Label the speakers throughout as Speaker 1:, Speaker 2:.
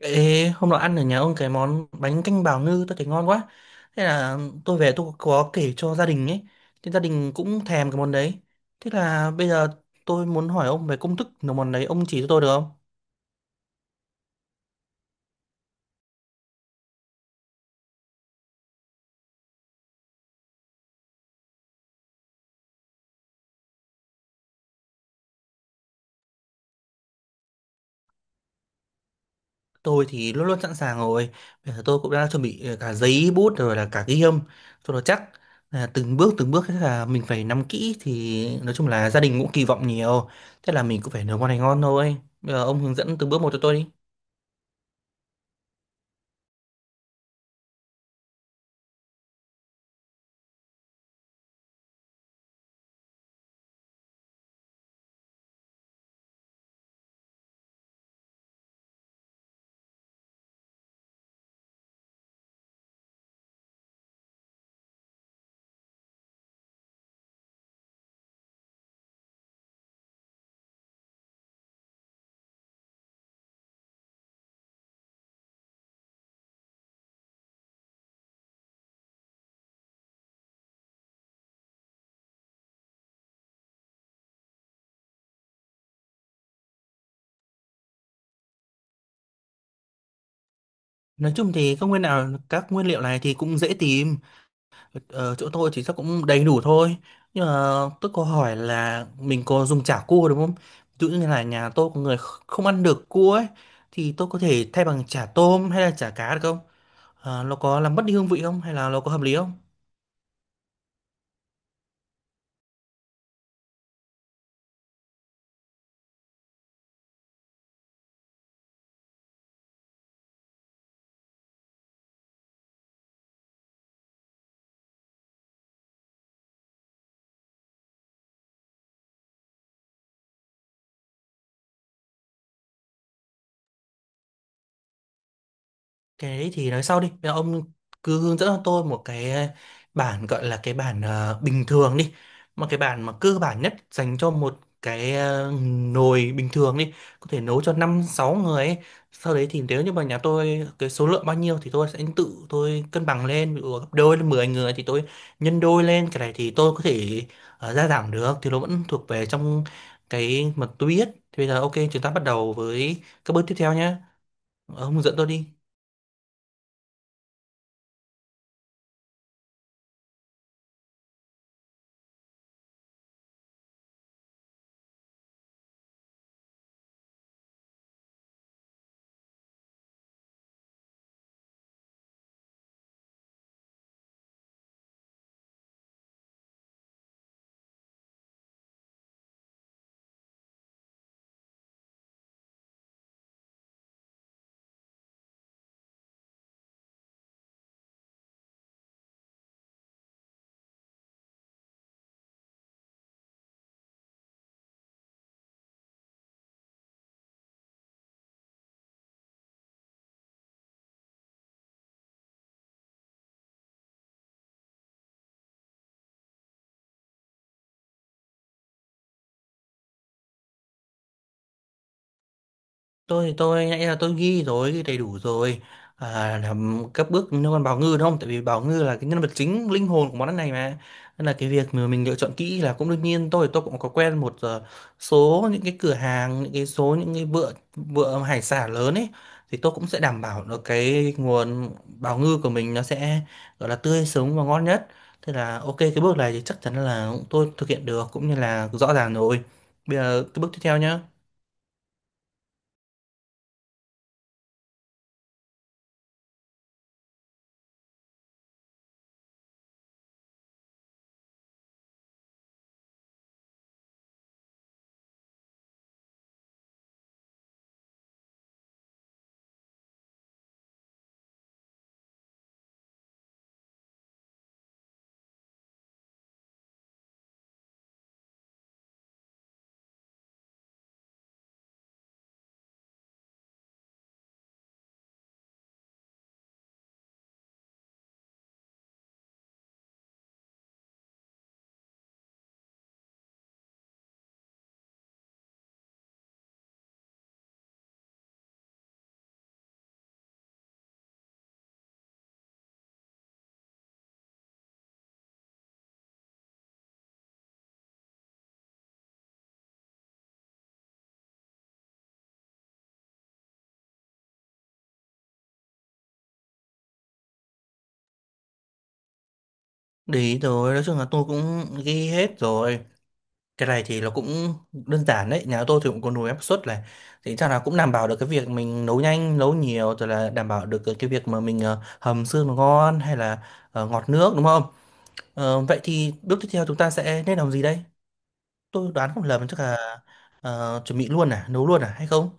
Speaker 1: Ê, hôm nọ ăn ở nhà ông cái món bánh canh bào ngư tôi thấy ngon quá. Thế là tôi về có kể cho gia đình ấy. Thì gia đình cũng thèm cái món đấy. Thế là bây giờ tôi muốn hỏi ông về công thức nấu món đấy, ông chỉ cho tôi được không? Tôi thì luôn luôn sẵn sàng rồi. Bây giờ tôi cũng đã chuẩn bị cả giấy bút rồi là cả ghi âm cho nó chắc. Là từng bước thế là mình phải nắm kỹ thì nói chung là gia đình cũng kỳ vọng nhiều. Thế là mình cũng phải nấu món này ngon thôi. Bây giờ ông hướng dẫn từng bước một cho tôi đi. Nói chung thì các nguyên liệu này thì cũng dễ tìm, ở chỗ tôi thì chắc cũng đầy đủ thôi, nhưng mà tôi có hỏi là mình có dùng chả cua đúng không? Ví dụ như là nhà tôi có người không ăn được cua ấy, thì tôi có thể thay bằng chả tôm hay là chả cá được không? Ờ, nó có làm mất đi hương vị không, hay là nó có hợp lý không? Cái đấy thì nói sau đi, bây giờ ông cứ hướng dẫn cho tôi một cái bản, gọi là cái bản bình thường đi, một cái bản mà cơ bản nhất dành cho một cái nồi bình thường đi, có thể nấu cho năm sáu người ấy. Sau đấy thì nếu như mà nhà tôi cái số lượng bao nhiêu thì tôi sẽ tự tôi cân bằng lên, ví dụ gấp đôi lên 10 người thì tôi nhân đôi lên, cái này thì tôi có thể gia giảm được, thì nó vẫn thuộc về trong cái mà tôi biết. Thì bây giờ ok, chúng ta bắt đầu với các bước tiếp theo nhé, ông hướng dẫn tôi đi. Tôi thì nãy là tôi ghi rồi, ghi đầy đủ rồi, à, làm các bước liên quan bào Ngư đúng không? Tại vì bào Ngư là cái nhân vật chính, linh hồn của món ăn này mà, nên là cái việc mà mình lựa chọn kỹ là cũng đương nhiên. Tôi cũng có quen một số những cái cửa hàng, những cái số những cái bữa bữa hải sản lớn ấy, thì tôi cũng sẽ đảm bảo được cái nguồn bào Ngư của mình, nó sẽ gọi là tươi sống và ngon nhất. Thế là ok, cái bước này thì chắc chắn là tôi thực hiện được cũng như là rõ ràng rồi. Bây giờ cái bước tiếp theo nhá. Để ý rồi, nói chung là tôi cũng ghi hết rồi. Cái này thì nó cũng đơn giản đấy, nhà tôi thì cũng có nồi áp suất này. Thì chắc là cũng đảm bảo được cái việc mình nấu nhanh, nấu nhiều, rồi là đảm bảo được cái việc mà mình hầm xương nó ngon, hay là ngọt nước đúng không? Ờ, vậy thì bước tiếp theo chúng ta sẽ nên làm gì đây? Tôi đoán không lầm chắc là chuẩn bị luôn à, nấu luôn à hay không?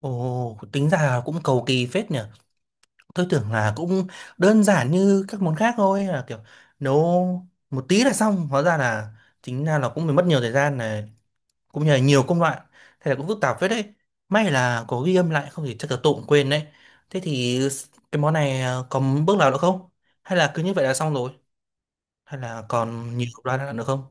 Speaker 1: Ồ, tính ra là cũng cầu kỳ phết nhỉ. Tôi tưởng là cũng đơn giản như các món khác thôi, là kiểu nấu một tí là xong, hóa ra là chính ra là cũng phải mất nhiều thời gian này, cũng như là nhiều công đoạn, thế là cũng phức tạp phết đấy. May là có ghi âm lại, không thì chắc là tôi cũng quên đấy. Thế thì cái món này à, có bước nào nữa không, hay là cứ như vậy là xong rồi, hay là còn nhiều công đoạn nữa không?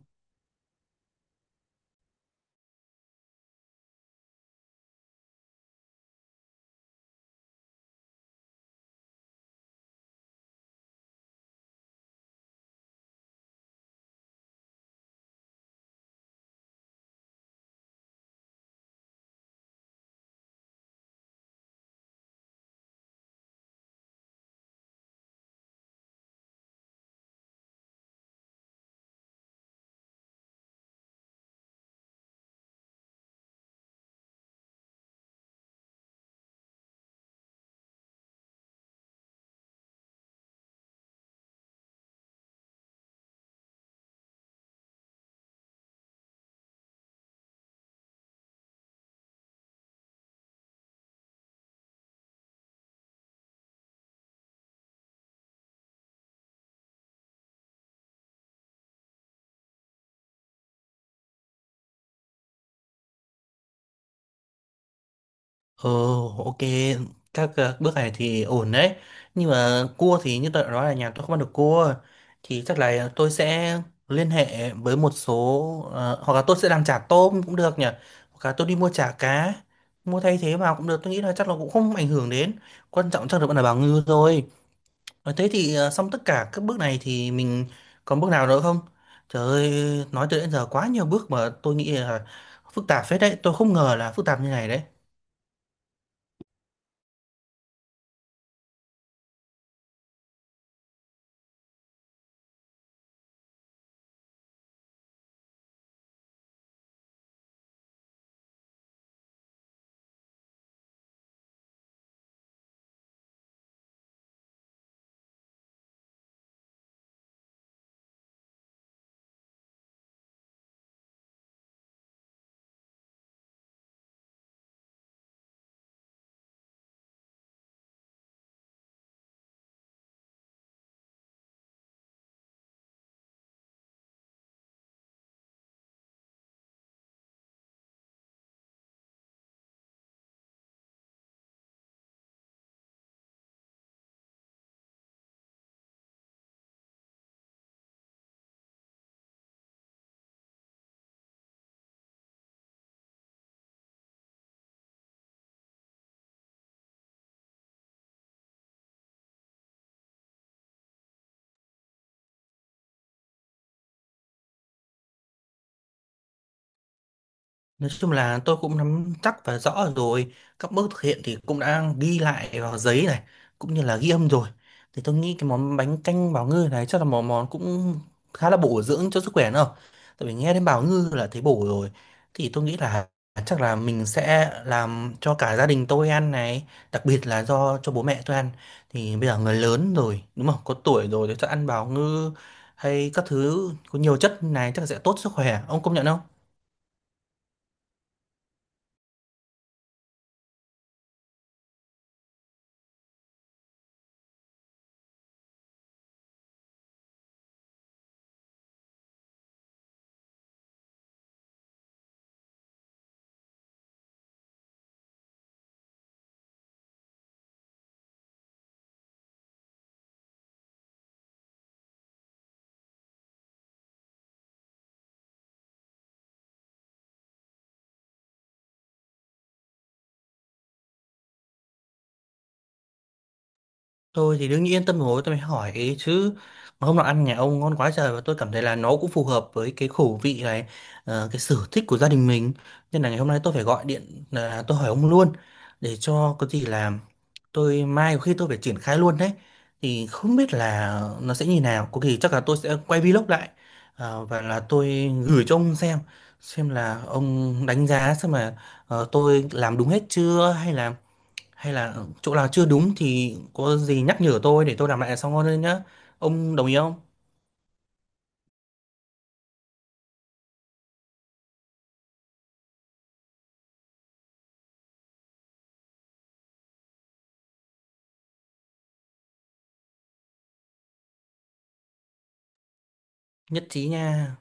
Speaker 1: Ồ, ok, các bước này thì ổn đấy. Nhưng mà cua thì như tôi đã nói là nhà tôi không ăn được cua. Thì chắc là tôi sẽ liên hệ với một số, ờ, hoặc là tôi sẽ làm chả tôm cũng được nhỉ. Hoặc là tôi đi mua chả cá, mua thay thế vào cũng được. Tôi nghĩ là chắc là cũng không ảnh hưởng đến. Quan trọng chắc là vẫn là bào ngư thôi. Nói thế thì ờ, xong tất cả các bước này thì mình còn bước nào nữa không? Trời ơi, nói tới đến giờ quá nhiều bước mà tôi nghĩ là phức tạp phết đấy. Tôi không ngờ là phức tạp như này đấy. Nói chung là tôi cũng nắm chắc và rõ rồi, các bước thực hiện thì cũng đã ghi lại vào giấy này cũng như là ghi âm rồi. Thì tôi nghĩ cái món bánh canh bào ngư này chắc là một món cũng khá là bổ dưỡng cho sức khỏe nữa, tại vì nghe đến bào ngư là thấy bổ rồi. Thì tôi nghĩ là chắc là mình sẽ làm cho cả gia đình tôi ăn này, đặc biệt là do cho bố mẹ tôi ăn. Thì bây giờ người lớn rồi đúng không, có tuổi rồi thì chắc ăn bào ngư hay các thứ có nhiều chất này chắc sẽ tốt sức khỏe, ông công nhận không? Tôi thì đương nhiên yên tâm rồi tôi mới hỏi ấy chứ. Mà hôm nọ ăn nhà ông ngon quá trời, và tôi cảm thấy là nó cũng phù hợp với cái khẩu vị này, cái sở thích của gia đình mình, nên là ngày hôm nay tôi phải gọi điện là tôi hỏi ông luôn, để cho có gì là tôi mai có khi tôi phải triển khai luôn đấy. Thì không biết là nó sẽ như nào, có khi chắc là tôi sẽ quay vlog lại, và là tôi gửi cho ông xem là ông đánh giá xem là tôi làm đúng hết chưa, hay là hay là chỗ nào chưa đúng thì có gì nhắc nhở tôi để tôi làm lại là xong hơn nhá, ông đồng ý không? Nhất trí nha.